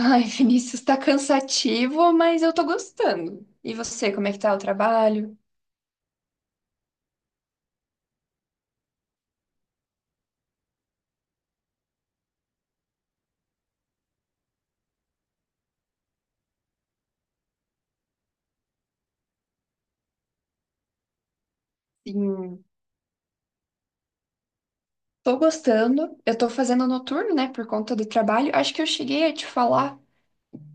Ai, Vinícius, tá cansativo, mas eu tô gostando. E você, como é que tá o trabalho? Sim, tô gostando. Eu tô fazendo noturno, né, por conta do trabalho. Acho que eu cheguei a te falar.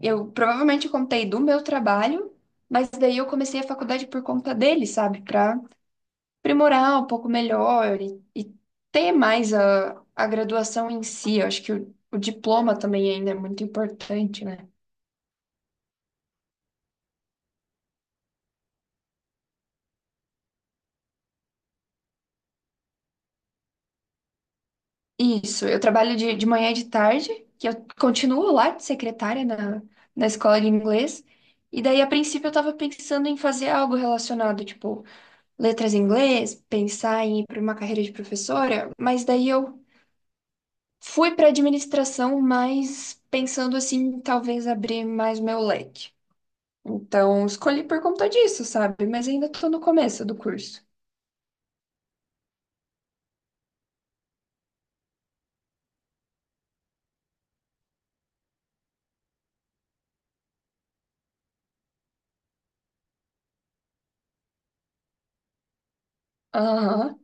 Eu provavelmente contei do meu trabalho, mas daí eu comecei a faculdade por conta dele, sabe? Pra aprimorar um pouco melhor e ter mais a graduação em si. Eu acho que o diploma também ainda é muito importante, né? Isso, eu trabalho de manhã e de tarde, que eu continuo lá de secretária na escola de inglês. E daí, a princípio, eu tava pensando em fazer algo relacionado, tipo, letras em inglês, pensar em ir para uma carreira de professora, mas daí eu fui para administração, mas pensando assim, talvez abrir mais meu leque. Então, escolhi por conta disso, sabe? Mas ainda tô no começo do curso. Aham,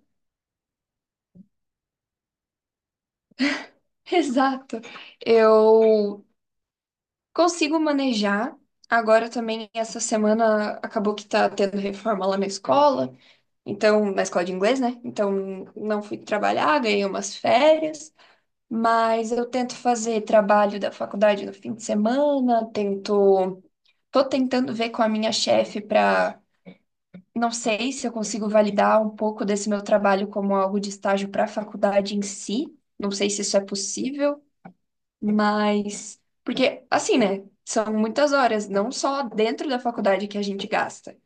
exato. Eu consigo manejar. Agora também, essa semana, acabou que tá tendo reforma lá na escola, então, na escola de inglês, né? Então, não fui trabalhar, ganhei umas férias, mas eu tento fazer trabalho da faculdade no fim de semana, tento. Tô tentando ver com a minha chefe para. Não sei se eu consigo validar um pouco desse meu trabalho como algo de estágio para a faculdade em si. Não sei se isso é possível. Mas, porque assim, né? São muitas horas, não só dentro da faculdade que a gente gasta.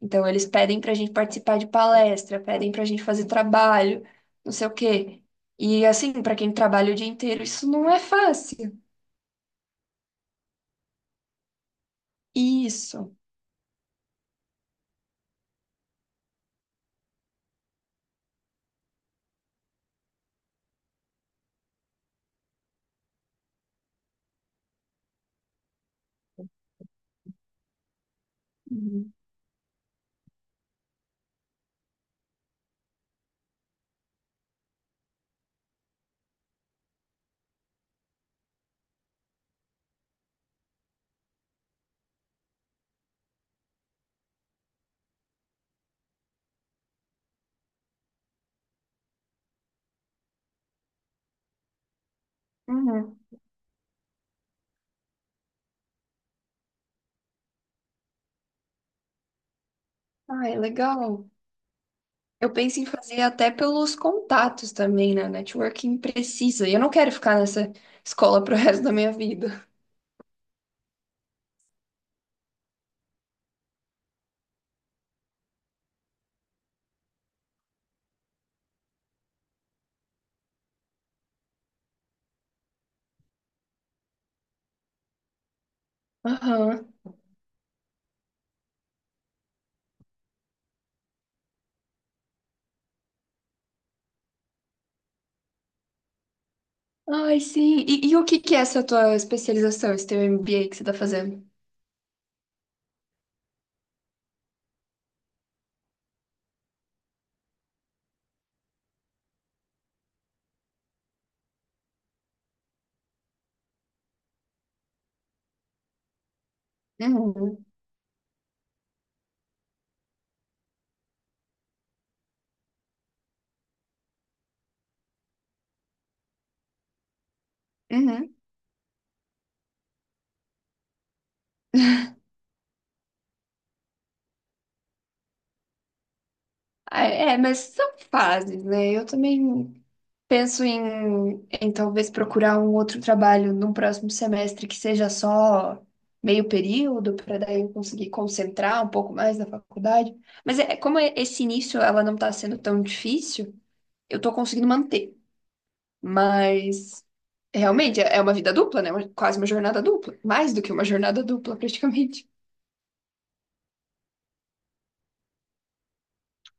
Então, eles pedem pra gente participar de palestra, pedem pra gente fazer trabalho, não sei o quê. E assim, pra quem trabalha o dia inteiro, isso não é fácil. Isso. Uhum. Uhum. Ai, legal. Eu penso em fazer até pelos contatos também, né? Networking precisa. E eu não quero ficar nessa escola pro resto da minha vida. Aham. Ai, sim. E o que que é essa tua especialização, esse teu MBA que você tá fazendo? Uhum, uhum. Ah, é, é, mas são fases, né? Eu também penso em talvez procurar um outro trabalho num próximo semestre que seja só meio período, para daí eu conseguir concentrar um pouco mais na faculdade. Mas é, como é- esse início ela não está sendo tão difícil, eu estou conseguindo manter. Mas realmente é uma vida dupla, né? Uma- Quase uma jornada dupla. Mais do que uma jornada dupla, praticamente.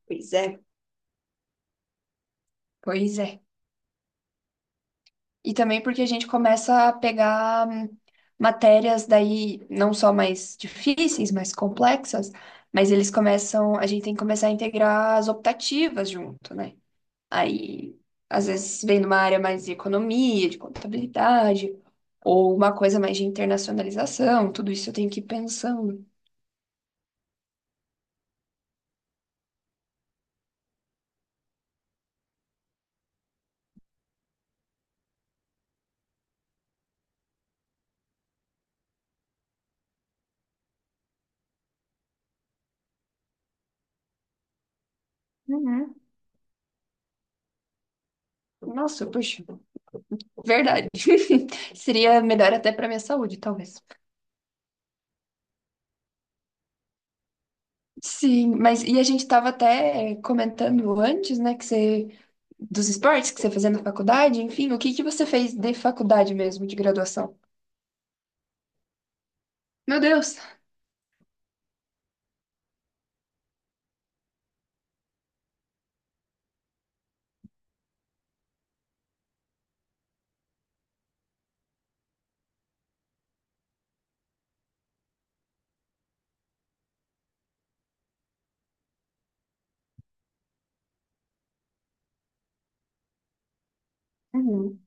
Pois é. Pois é. E também porque a gente começa a pegar matérias daí não só mais difíceis, mais complexas, mas eles começam, a gente tem que começar a integrar as optativas junto, né? Aí, às vezes vem numa área mais de economia, de contabilidade, ou uma coisa mais de internacionalização, tudo isso eu tenho que ir pensando. Uhum. Nossa, puxa, verdade. Seria melhor até para minha saúde, talvez. Sim, mas e a gente estava até comentando antes, né, que você dos esportes que você fazia na faculdade, enfim, o que que você fez de faculdade mesmo, de graduação? Meu Deus. Uhum.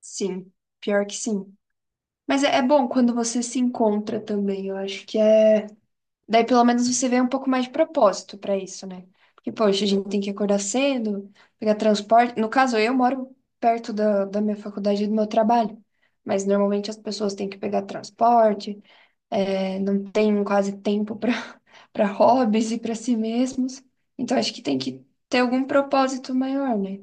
Sim, pior que sim. Mas é, é bom quando você se encontra também, eu acho que é daí pelo menos você vê um pouco mais de propósito pra isso, né? Porque, poxa, a gente tem que acordar cedo, pegar transporte. No caso, eu moro perto da minha faculdade e do meu trabalho. Mas normalmente as pessoas têm que pegar transporte, é, não tem quase tempo para para hobbies e para si mesmos. Então acho que tem que ter algum propósito maior, né?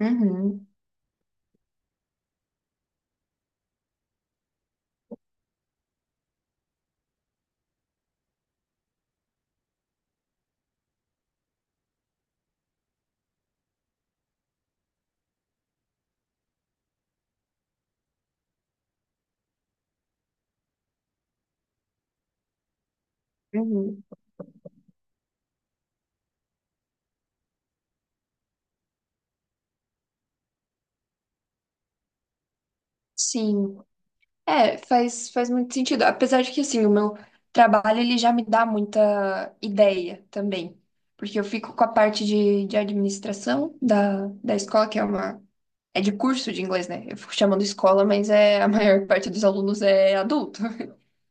Uhum, uhum. Sim. É, faz muito sentido. Apesar de que, assim, o meu trabalho, ele já me dá muita ideia também. Porque eu fico com a parte de administração da escola, que é uma... É de curso de inglês, né? Eu fico chamando escola, mas é, a maior parte dos alunos é adulto.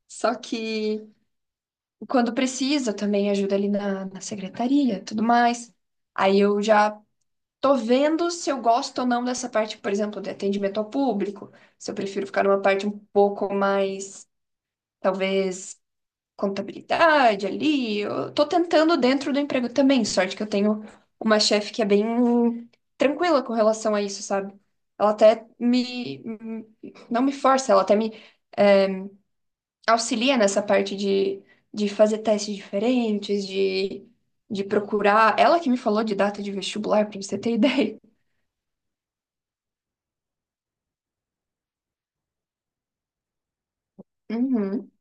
Só que quando precisa, também ajuda ali na secretaria, tudo mais. Aí eu já tô vendo se eu gosto ou não dessa parte, por exemplo, de atendimento ao público. Se eu prefiro ficar numa parte um pouco mais talvez contabilidade ali. Eu tô tentando dentro do emprego também. Sorte que eu tenho uma chefe que é bem tranquila com relação a isso, sabe? Ela até me, não me força, ela até me auxilia nessa parte de fazer testes diferentes, de procurar. Ela que me falou de data de vestibular, pra você ter ideia. Uhum,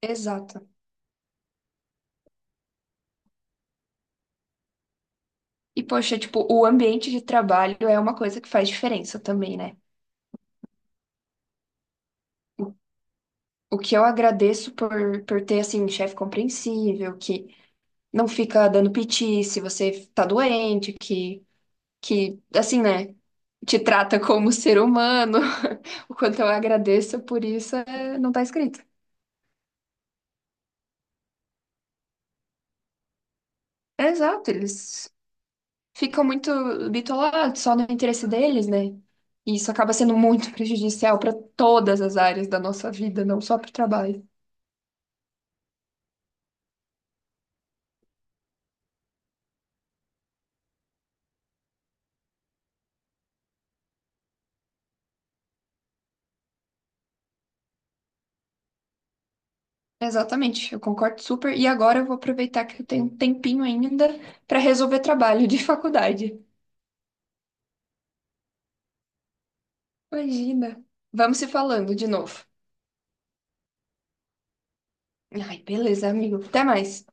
exato. E poxa, tipo, o ambiente de trabalho é uma coisa que faz diferença também, né? O que eu agradeço por ter, assim, chefe compreensível, que não fica dando piti se você tá doente, que, assim, né, te trata como ser humano. O quanto eu agradeço por isso é- não tá escrito. É exato, eles ficam muito bitolados só no interesse deles, né? E isso acaba sendo muito prejudicial para todas as áreas da nossa vida, não só para o trabalho. Exatamente, eu concordo super. E agora eu vou aproveitar que eu tenho um tempinho ainda para resolver trabalho de faculdade. Imagina. Vamos se falando de novo. Ai, beleza, amigo. Até mais.